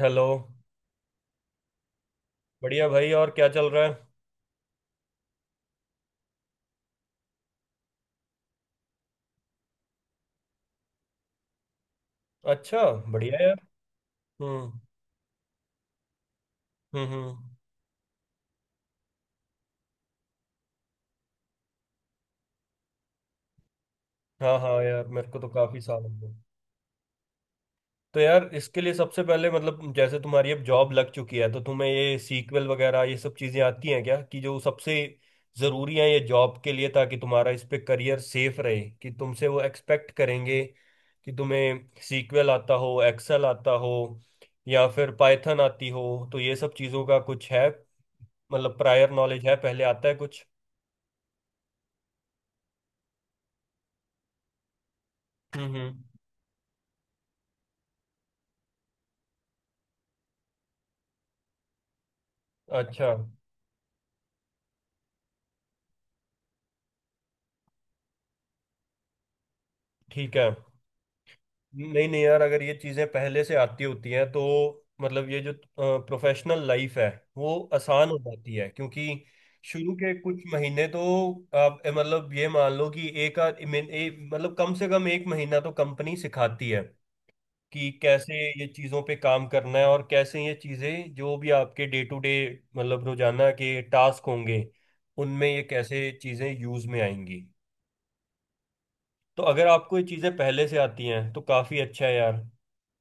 Hello. बढ़िया भाई, और क्या चल रहा है? अच्छा। बढ़िया यार। हम्म, हम्म, हम्म। हाँ हाँ यार, मेरे को तो काफी साल हो गए। तो यार इसके लिए सबसे पहले मतलब जैसे तुम्हारी अब जॉब लग चुकी है, तो तुम्हें ये सीक्वल वगैरह ये सब चीजें आती हैं क्या, कि जो सबसे जरूरी है ये जॉब के लिए, ताकि तुम्हारा इस पे करियर सेफ रहे? कि तुमसे वो एक्सपेक्ट करेंगे कि तुम्हें सीक्वल आता हो, एक्सेल आता हो, या फिर पाइथन आती हो? तो ये सब चीजों का कुछ है, मतलब प्रायर नॉलेज है, पहले आता है कुछ? हम्म, हम्म। अच्छा। ठीक है। नहीं नहीं यार, अगर ये चीज़ें पहले से आती होती हैं तो मतलब ये जो प्रोफेशनल लाइफ है, वो आसान हो जाती है, क्योंकि शुरू के कुछ महीने तो आप मतलब ये मान लो कि एक आध मतलब कम से कम 1 महीना तो कंपनी सिखाती है कि कैसे ये चीज़ों पे काम करना है, और कैसे ये चीज़ें जो भी आपके डे टू डे मतलब रोजाना के टास्क होंगे, उनमें ये कैसे चीज़ें यूज़ में आएंगी। तो अगर आपको ये चीज़ें पहले से आती हैं तो काफ़ी अच्छा है यार।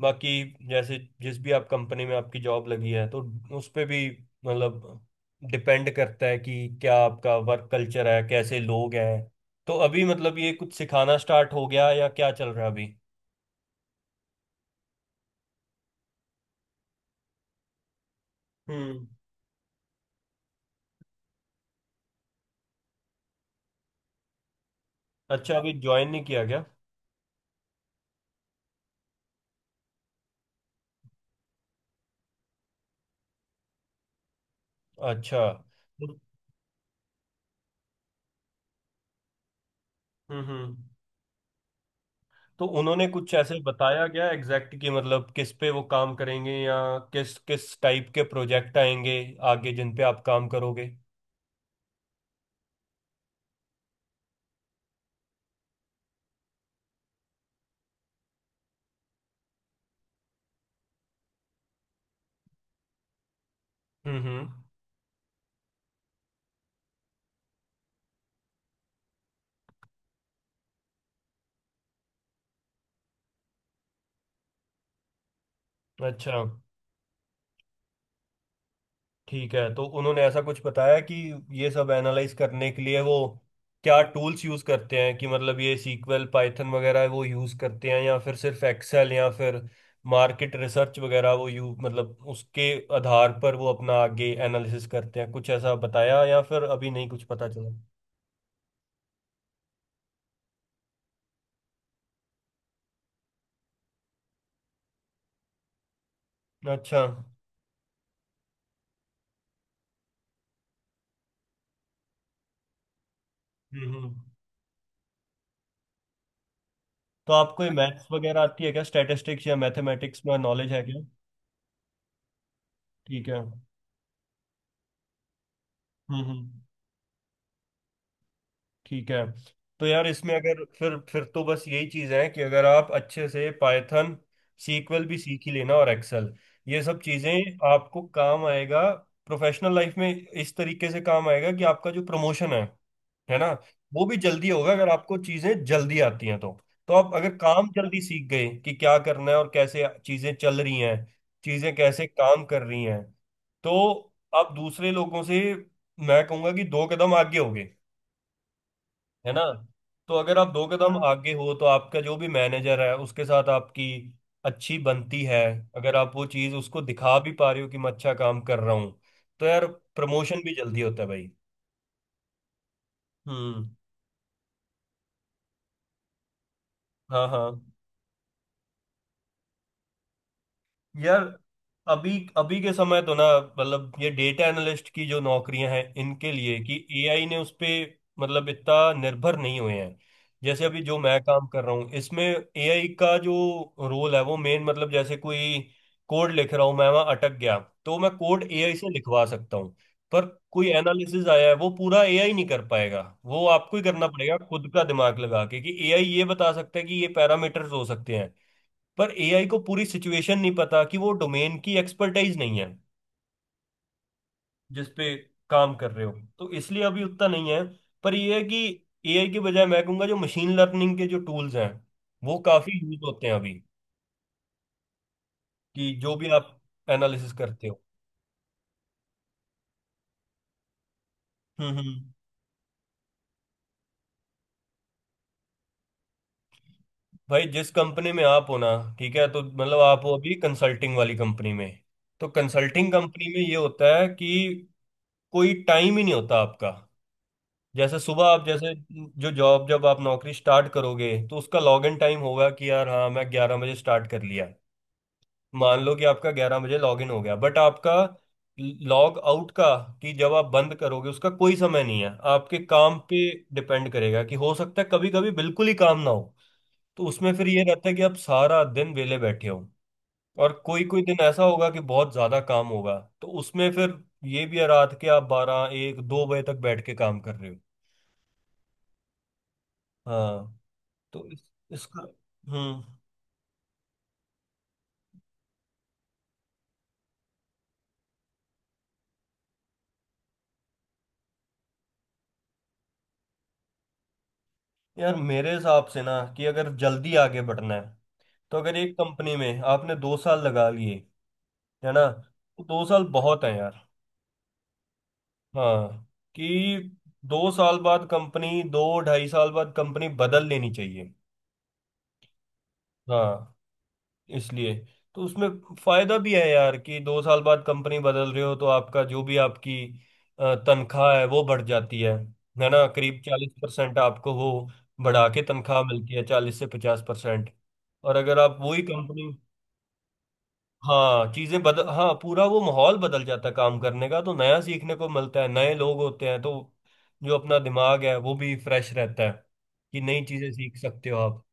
बाकी जैसे जिस भी आप कंपनी में आपकी जॉब लगी है, तो उस पे भी मतलब डिपेंड करता है कि क्या आपका वर्क कल्चर है, कैसे लोग हैं। तो अभी मतलब ये कुछ सिखाना स्टार्ट हो गया, या क्या चल रहा है अभी? हम्म। अच्छा, अभी ज्वाइन नहीं किया गया। अच्छा। तो हम्म, तो उन्होंने कुछ ऐसे बताया क्या एग्जैक्ट, कि मतलब किस पे वो काम करेंगे, या किस किस टाइप के प्रोजेक्ट आएंगे आगे जिन पे आप काम करोगे? हम्म, हम्म। अच्छा। ठीक है, तो उन्होंने ऐसा कुछ बताया कि ये सब एनालाइज करने के लिए वो क्या टूल्स यूज करते हैं, कि मतलब ये सीक्वल पाइथन वगैरह वो यूज करते हैं, या फिर सिर्फ एक्सेल, या फिर मार्केट रिसर्च वगैरह वो यू मतलब उसके आधार पर वो अपना आगे एनालिसिस करते हैं, कुछ ऐसा बताया, या फिर अभी नहीं कुछ पता चला? अच्छा। हम्म, हम्म। तो आपको ये मैथ्स वगैरह आती है क्या, स्टैटिस्टिक्स या मैथमेटिक्स में नॉलेज है क्या? ठीक है। हम्म, हम्म। ठीक है। तो यार इसमें अगर फिर तो बस यही चीज़ है कि अगर आप अच्छे से पाइथन सीक्वल भी सीख ही लेना, और एक्सेल, ये सब चीज़ें आपको काम आएगा। प्रोफेशनल लाइफ में इस तरीके से काम आएगा कि आपका जो प्रमोशन है ना, वो भी जल्दी होगा अगर आपको चीज़ें जल्दी आती हैं तो। तो आप अगर काम जल्दी सीख गए कि क्या करना है और कैसे चीज़ें चल रही हैं, चीज़ें कैसे काम कर रही हैं, तो आप दूसरे लोगों से, मैं कहूँगा कि दो कदम आगे होगे। है ना? तो अगर आप दो कदम, हाँ, आगे हो तो आपका जो भी मैनेजर है उसके साथ आपकी अच्छी बनती है। अगर आप वो चीज़ उसको दिखा भी पा रहे हो कि मैं अच्छा काम कर रहा हूँ, तो यार प्रमोशन भी जल्दी होता है भाई। हम्म। हाँ हाँ यार। अभी, अभी के समय तो ना मतलब ये डेटा एनालिस्ट की जो नौकरियां हैं, इनके लिए कि एआई ने उस पे मतलब इतना निर्भर नहीं हुए हैं। जैसे अभी जो मैं काम कर रहा हूँ, इसमें एआई का जो रोल है वो मेन मतलब जैसे कोई कोड लिख रहा हूँ, मैं वहां अटक गया, तो मैं कोड एआई से लिखवा सकता हूँ। पर कोई एनालिसिस आया है वो पूरा एआई नहीं कर पाएगा। वो आपको ही करना पड़ेगा खुद का दिमाग लगा के, कि एआई ये बता सकता है कि ये पैरामीटर्स हो सकते हैं, पर एआई को पूरी सिचुएशन नहीं पता, कि वो डोमेन की एक्सपर्टाइज नहीं है जिस पे काम कर रहे हो। तो इसलिए अभी उतना नहीं है। पर ये है कि एआई के बजाय मैं कहूंगा जो मशीन लर्निंग के जो टूल्स हैं वो काफी यूज होते हैं अभी, कि जो भी आप एनालिसिस करते हो। हम्म, भाई, जिस कंपनी में आप हो ना, ठीक है, तो मतलब आप हो अभी कंसल्टिंग वाली कंपनी में। तो कंसल्टिंग कंपनी में ये होता है कि कोई टाइम ही नहीं होता आपका। जैसे सुबह आप जैसे, जो जॉब जब आप नौकरी स्टार्ट करोगे तो उसका लॉग इन टाइम होगा कि यार हाँ मैं 11 बजे स्टार्ट कर लिया। मान लो कि आपका 11 बजे लॉग इन हो गया, बट आपका लॉग आउट का, कि जब आप बंद करोगे उसका कोई समय नहीं है, आपके काम पे डिपेंड करेगा। कि हो सकता है कभी कभी बिल्कुल ही काम ना हो, तो उसमें फिर ये रहता है कि आप सारा दिन वेले बैठे हो। और कोई कोई दिन ऐसा होगा कि बहुत ज्यादा काम होगा, तो उसमें फिर ये भी है रात के आप 12, 1, 2 बजे तक बैठ के काम कर रहे हो। हाँ। तो इस, इसका, हम्म। यार मेरे हिसाब से ना कि अगर जल्दी आगे बढ़ना है, तो अगर एक कंपनी में आपने 2 साल लगा लिए, है ना, तो 2 साल बहुत है यार। हाँ, कि 2 साल बाद कंपनी, 2, 2.5 साल बाद कंपनी बदल लेनी चाहिए। हाँ। इसलिए, तो उसमें फायदा भी है यार, कि 2 साल बाद कंपनी बदल रहे हो तो आपका जो भी आपकी तनख्वाह है वो बढ़ जाती है। है ना? करीब 40% आपको वो बढ़ा के तनख्वाह मिलती है, 40 से 50%। और अगर आप वही कंपनी, हाँ पूरा वो माहौल बदल जाता है काम करने का, तो नया सीखने को मिलता है, नए लोग होते हैं, तो जो अपना दिमाग है वो भी फ्रेश रहता है, कि नई चीजें सीख सकते हो आप।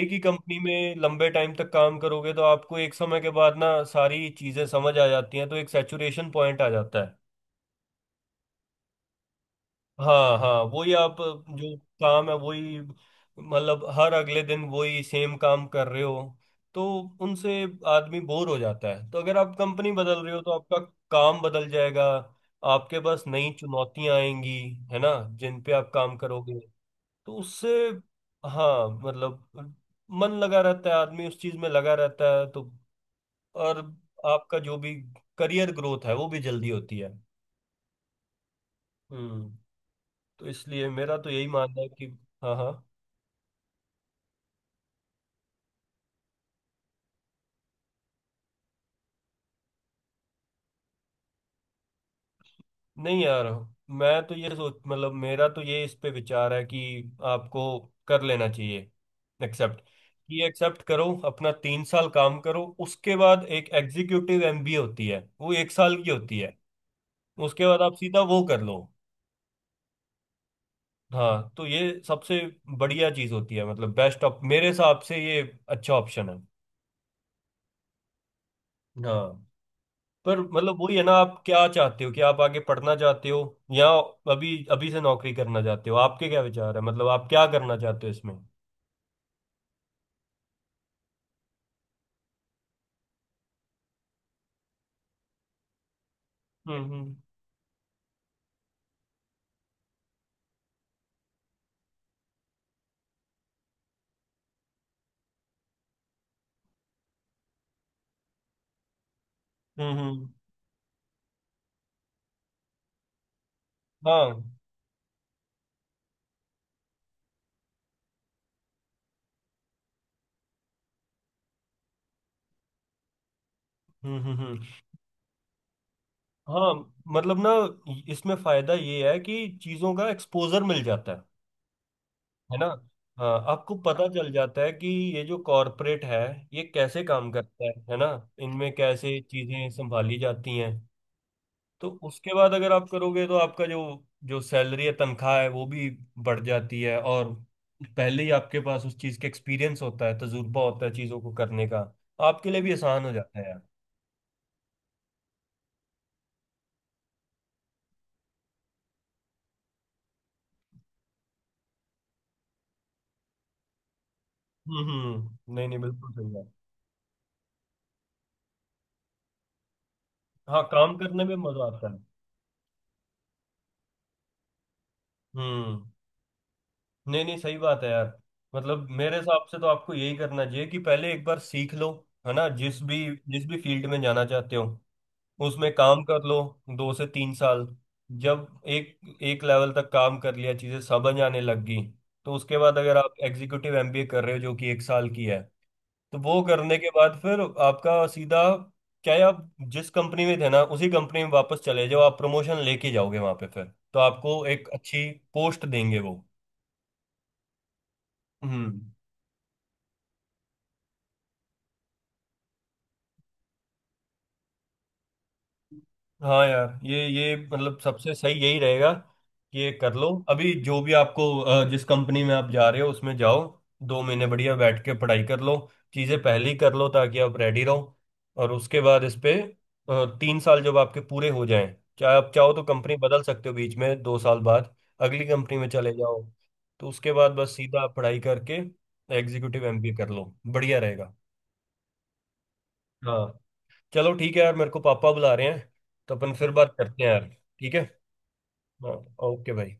एक ही कंपनी में लंबे टाइम तक काम करोगे तो आपको एक समय के बाद ना सारी चीजें समझ आ जाती हैं, तो एक सैचुरेशन पॉइंट आ जाता है। हाँ हाँ, वही आप जो काम है वही मतलब हर अगले दिन वही सेम काम कर रहे हो, तो उनसे आदमी बोर हो जाता है। तो अगर आप कंपनी बदल रहे हो तो आपका काम बदल जाएगा, आपके पास नई चुनौतियां आएंगी, है ना, जिन पे आप काम करोगे। तो उससे, हाँ, मतलब मन लगा रहता है, आदमी उस चीज में लगा रहता है, तो और आपका जो भी करियर ग्रोथ है वो भी जल्दी होती है। हम्म। तो इसलिए मेरा तो यही मानना है कि, हाँ हाँ, नहीं यार, मैं तो ये सोच मतलब मेरा तो ये इस पे विचार है कि आपको कर लेना चाहिए एक्सेप्ट। कि एक्सेप्ट करो अपना 3 साल काम करो, उसके बाद एक एग्जीक्यूटिव एमबीए होती है वो 1 साल की होती है, उसके बाद आप सीधा वो कर लो। हाँ। तो ये सबसे बढ़िया चीज होती है, मतलब बेस्ट ऑप, मेरे हिसाब से ये अच्छा ऑप्शन है। हाँ। पर मतलब वही है ना, आप क्या चाहते हो कि आप आगे पढ़ना चाहते हो, या अभी अभी से नौकरी करना चाहते हो? आपके क्या विचार है, मतलब आप क्या करना चाहते हो इसमें? हम्म, हम्म, हम्म, हाँ, हम्म, हम्म, हम्म। हाँ मतलब ना, इसमें फायदा ये है कि चीजों का एक्सपोजर मिल जाता है। है ना? हाँ, आपको पता चल जाता है कि ये जो कॉरपोरेट है, ये कैसे काम करता है ना, इनमें कैसे चीजें संभाली जाती हैं। तो उसके बाद अगर आप करोगे तो आपका जो जो सैलरी है, तनख्वाह है, वो भी बढ़ जाती है। और पहले ही आपके पास उस चीज़ का एक्सपीरियंस होता है, तजुर्बा होता है चीज़ों को करने का, तो आपके लिए भी आसान हो जाता है यार। हम्म, हम्म, नहीं नहीं बिल्कुल सही बात। हाँ, काम करने में मजा आता है। हम्म। नहीं नहीं सही बात है यार। मतलब मेरे हिसाब से तो आपको यही करना चाहिए कि पहले एक बार सीख लो। है ना? जिस भी, जिस भी फील्ड में जाना चाहते हो उसमें काम कर लो 2 से 3 साल। जब एक एक लेवल तक काम कर लिया, चीज़ें समझ आने लग गई, तो उसके बाद अगर आप एग्जीक्यूटिव एमबीए कर रहे हो जो कि 1 साल की है, तो वो करने के बाद फिर आपका सीधा, चाहे आप जिस कंपनी में थे ना, उसी कंपनी में वापस चले जाओ, आप प्रमोशन लेके जाओगे वहां पे फिर, तो आपको एक अच्छी पोस्ट देंगे वो। हम्म। हाँ यार, ये मतलब सबसे सही यही रहेगा कि ये कर लो अभी, जो भी आपको जिस कंपनी में आप जा रहे हो उसमें जाओ। 2 महीने बढ़िया बैठ के पढ़ाई कर लो, चीज़ें पहले ही कर लो ताकि आप रेडी रहो। और उसके बाद इस पे 3 साल जब आपके पूरे हो जाएं, चाहे आप चाहो तो कंपनी बदल सकते हो बीच में 2 साल बाद, अगली कंपनी में चले जाओ। तो उसके बाद बस सीधा आप पढ़ाई करके एग्जीक्यूटिव एमबीए कर लो, बढ़िया रहेगा। हाँ। चलो ठीक है यार, मेरे को पापा बुला रहे हैं, तो अपन फिर बात करते हैं यार। ठीक है। हाँ। ओके भाई।